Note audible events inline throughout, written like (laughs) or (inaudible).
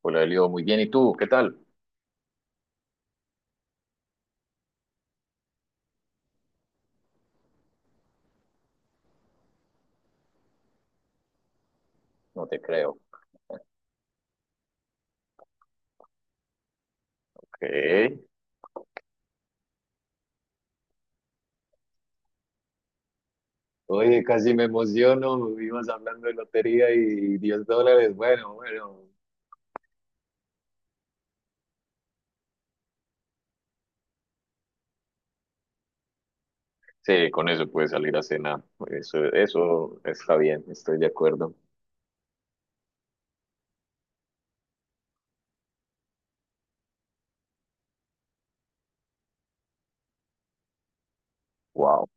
Hola, Elio, muy bien. ¿Y tú? ¿Qué tal? No te creo. ¿Qué? Oye, casi me emociono. Ibas hablando de lotería y $10. Bueno, bueno. Sí, con eso puedes salir a cenar. Eso está bien, estoy de acuerdo. Wow.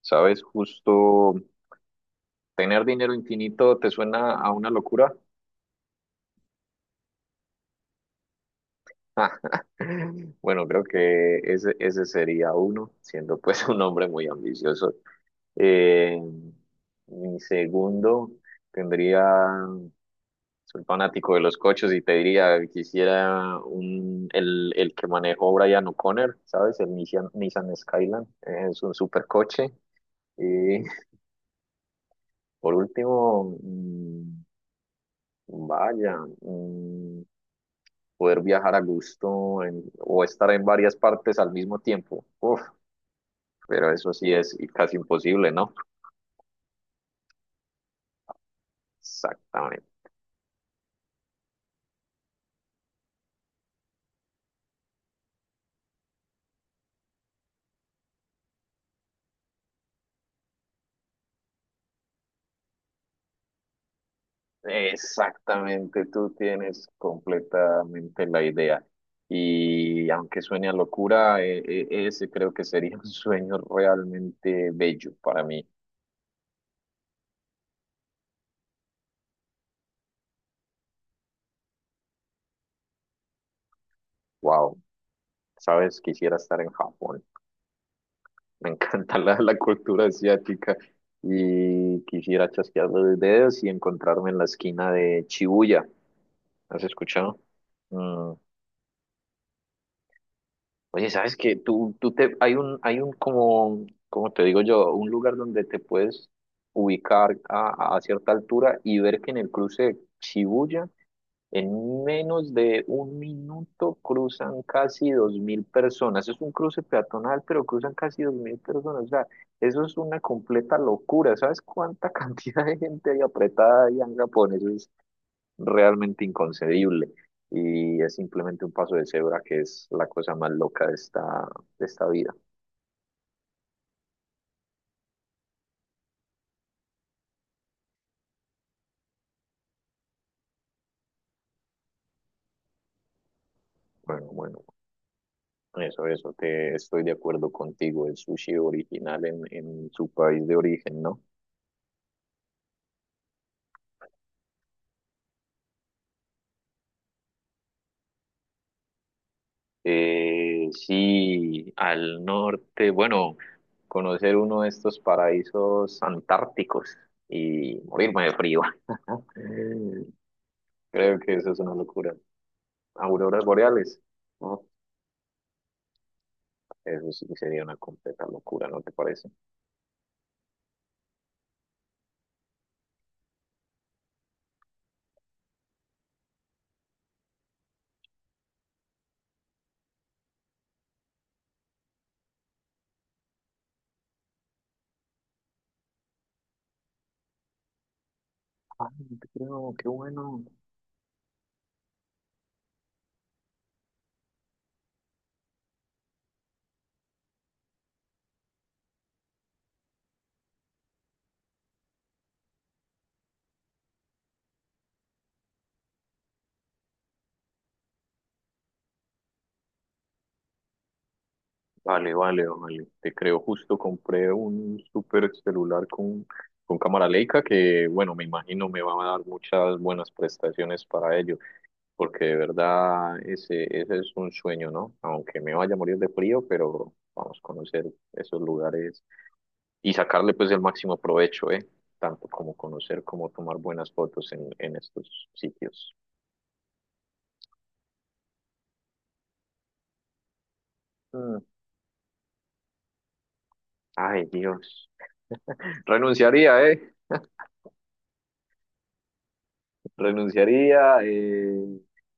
¿Sabes? Justo tener dinero infinito te suena a una locura. (laughs) Bueno, creo que ese sería uno, siendo pues (laughs) un hombre muy ambicioso. Eh, mi segundo tendría. Soy fanático de los coches y te diría, quisiera el que manejó Brian O'Connor, ¿sabes? El Nissan Skyline. Es un supercoche. Y por último, vaya, poder viajar a gusto o estar en varias partes al mismo tiempo. Uf, pero eso sí es casi imposible, ¿no? Exactamente. Exactamente, tú tienes completamente la idea. Y aunque suene a locura, ese creo que sería (laughs) un sueño realmente bello para mí. Wow, sabes, quisiera estar en Japón. Me encanta la cultura asiática y quisiera chasquear los dedos y encontrarme en la esquina de Shibuya. ¿Has escuchado? Mm, Oye, ¿sabes qué? Hay un como te digo yo, un lugar donde te puedes ubicar a cierta altura y ver que en el cruce de Shibuya, en menos de un minuto cruzan casi 2.000 personas. Es un cruce peatonal, pero cruzan casi 2.000 personas. O sea, eso es una completa locura. ¿Sabes cuánta (laughs) cantidad de gente hay apretada ahí en Japón? Eso realmente inconcebible y es simplemente un paso de cebra que es la cosa más loca de esta vida. Bueno, bueno, eso, te estoy de acuerdo contigo, el sushi original en su país de origen, ¿no? Sí, al norte, bueno, conocer uno de estos paraísos antárticos y morirme de frío. (laughs) Creo que eso es una locura. Auroras boreales, ¿no? Eso sí que sería una completa locura, ¿no te parece? Ah, no te creo, qué bueno. Vale, vale, vale. Te creo, justo compré un super celular con cámara Leica que, bueno, me imagino me va a dar muchas buenas prestaciones para ello, porque de verdad ese es un sueño, ¿no? Aunque me vaya a morir de frío, pero vamos a conocer esos lugares y sacarle pues el máximo provecho, ¿eh? Tanto como conocer como tomar buenas fotos en estos sitios. Mm. Ay, Dios. Renunciaría, ¿eh? Renunciaría,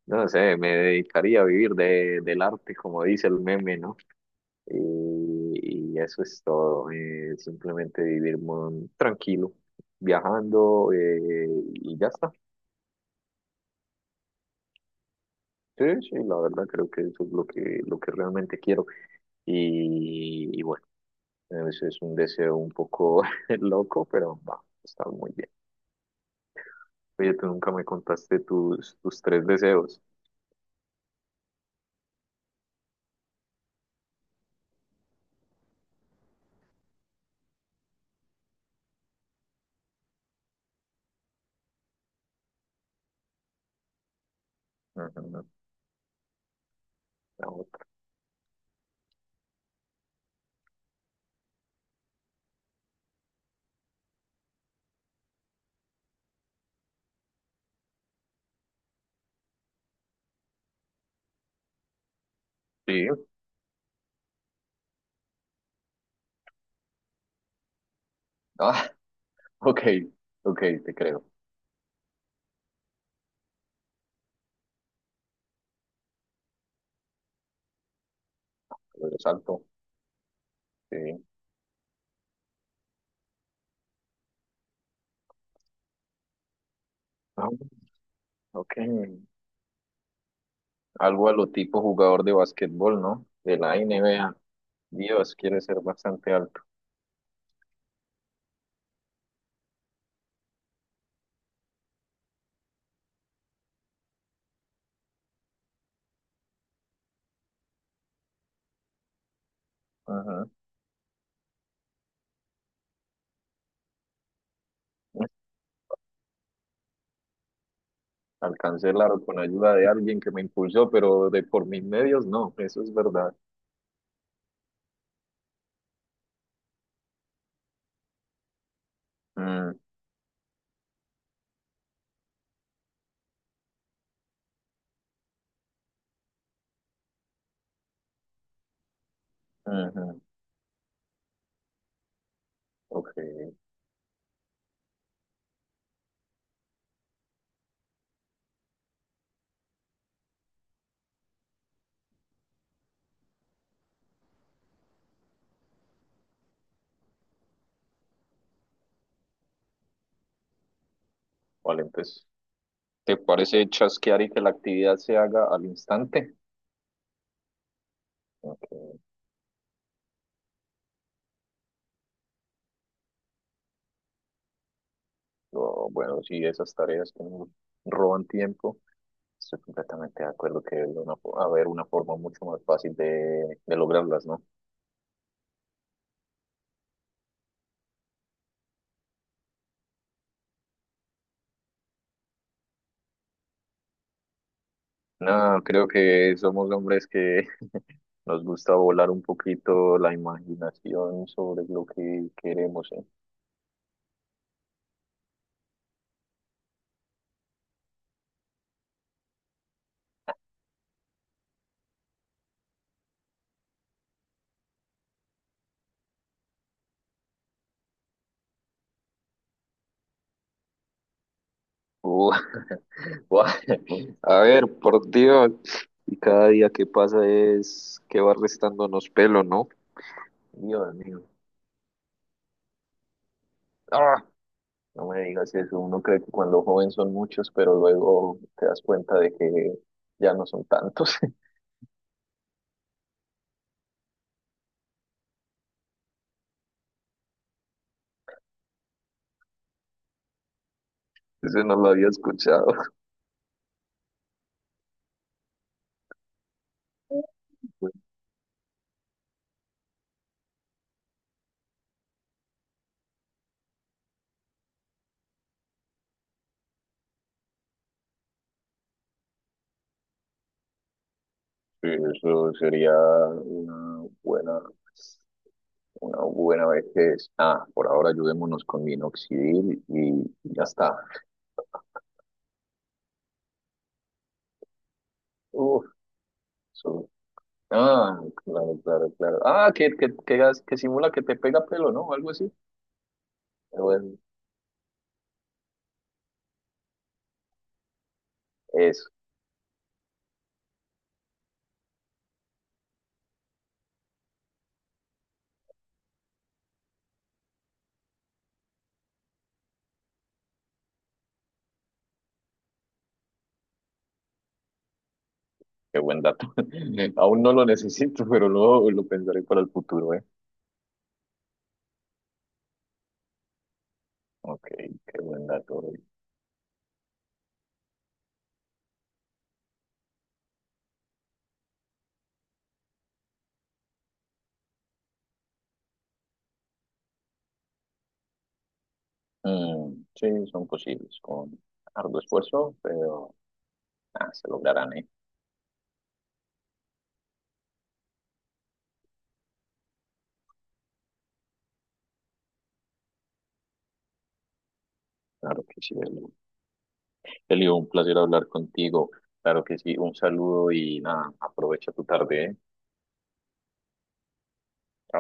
no sé, me dedicaría a vivir del arte, como dice el meme, ¿no? Y eso es todo, simplemente vivir tranquilo, viajando y ya está. Sí, sí, la verdad creo que eso es lo que realmente quiero. Y bueno, eso es un deseo un poco (laughs) loco, pero va, está muy bien. Oye, tú nunca me contaste tus tres deseos. Ujú, la otra. Sí. Ah, (laughs) ok, ok, te creo. Lo de salto, sí. Ah, ok, algo a lo tipo jugador de básquetbol, ¿no? De la NBA. Dios, quiere ser bastante alto. Ajá. Alcancé el aro con ayuda de alguien que me impulsó, pero de por mis medios no, eso es verdad. Mm, ujú. Ok, vale, entonces, ¿te parece chasquear y que la actividad se haga al instante? Ok, bueno, sí, esas tareas que nos roban tiempo. Estoy completamente de acuerdo que debe una haber una forma mucho más fácil de lograrlas, ¿no? No, creo que somos hombres que (laughs) nos gusta volar un poquito la imaginación sobre lo que queremos, ¿eh? Uh, (laughs) guau. A ver, por Dios. Y cada día que pasa es que va restándonos pelo, ¿no? Dios mío. ¡Ah! No me digas eso. Uno cree que cuando joven son muchos, pero luego te das cuenta de que ya no son tantos. (laughs) Eso no lo había escuchado. Pues, sí, eso sería una buena vejez. Ah, por ahora ayudémonos con minoxidil y ya está. Uf, eso- Ah, claro, claro, claro. Ah, que que simula que te pega pelo, ¿no? Algo así. Pero bueno, eso, qué buen dato. (laughs) Aún no lo necesito, pero luego lo pensaré para el futuro, ¿eh? Ok, qué buen dato. Mm, sí, son posibles con arduo esfuerzo, pero ah, se lograrán, ¿eh? Claro que sí, Elio, un placer hablar contigo. Claro que sí, un saludo y nada, aprovecha tu tarde, ¿eh? Chao.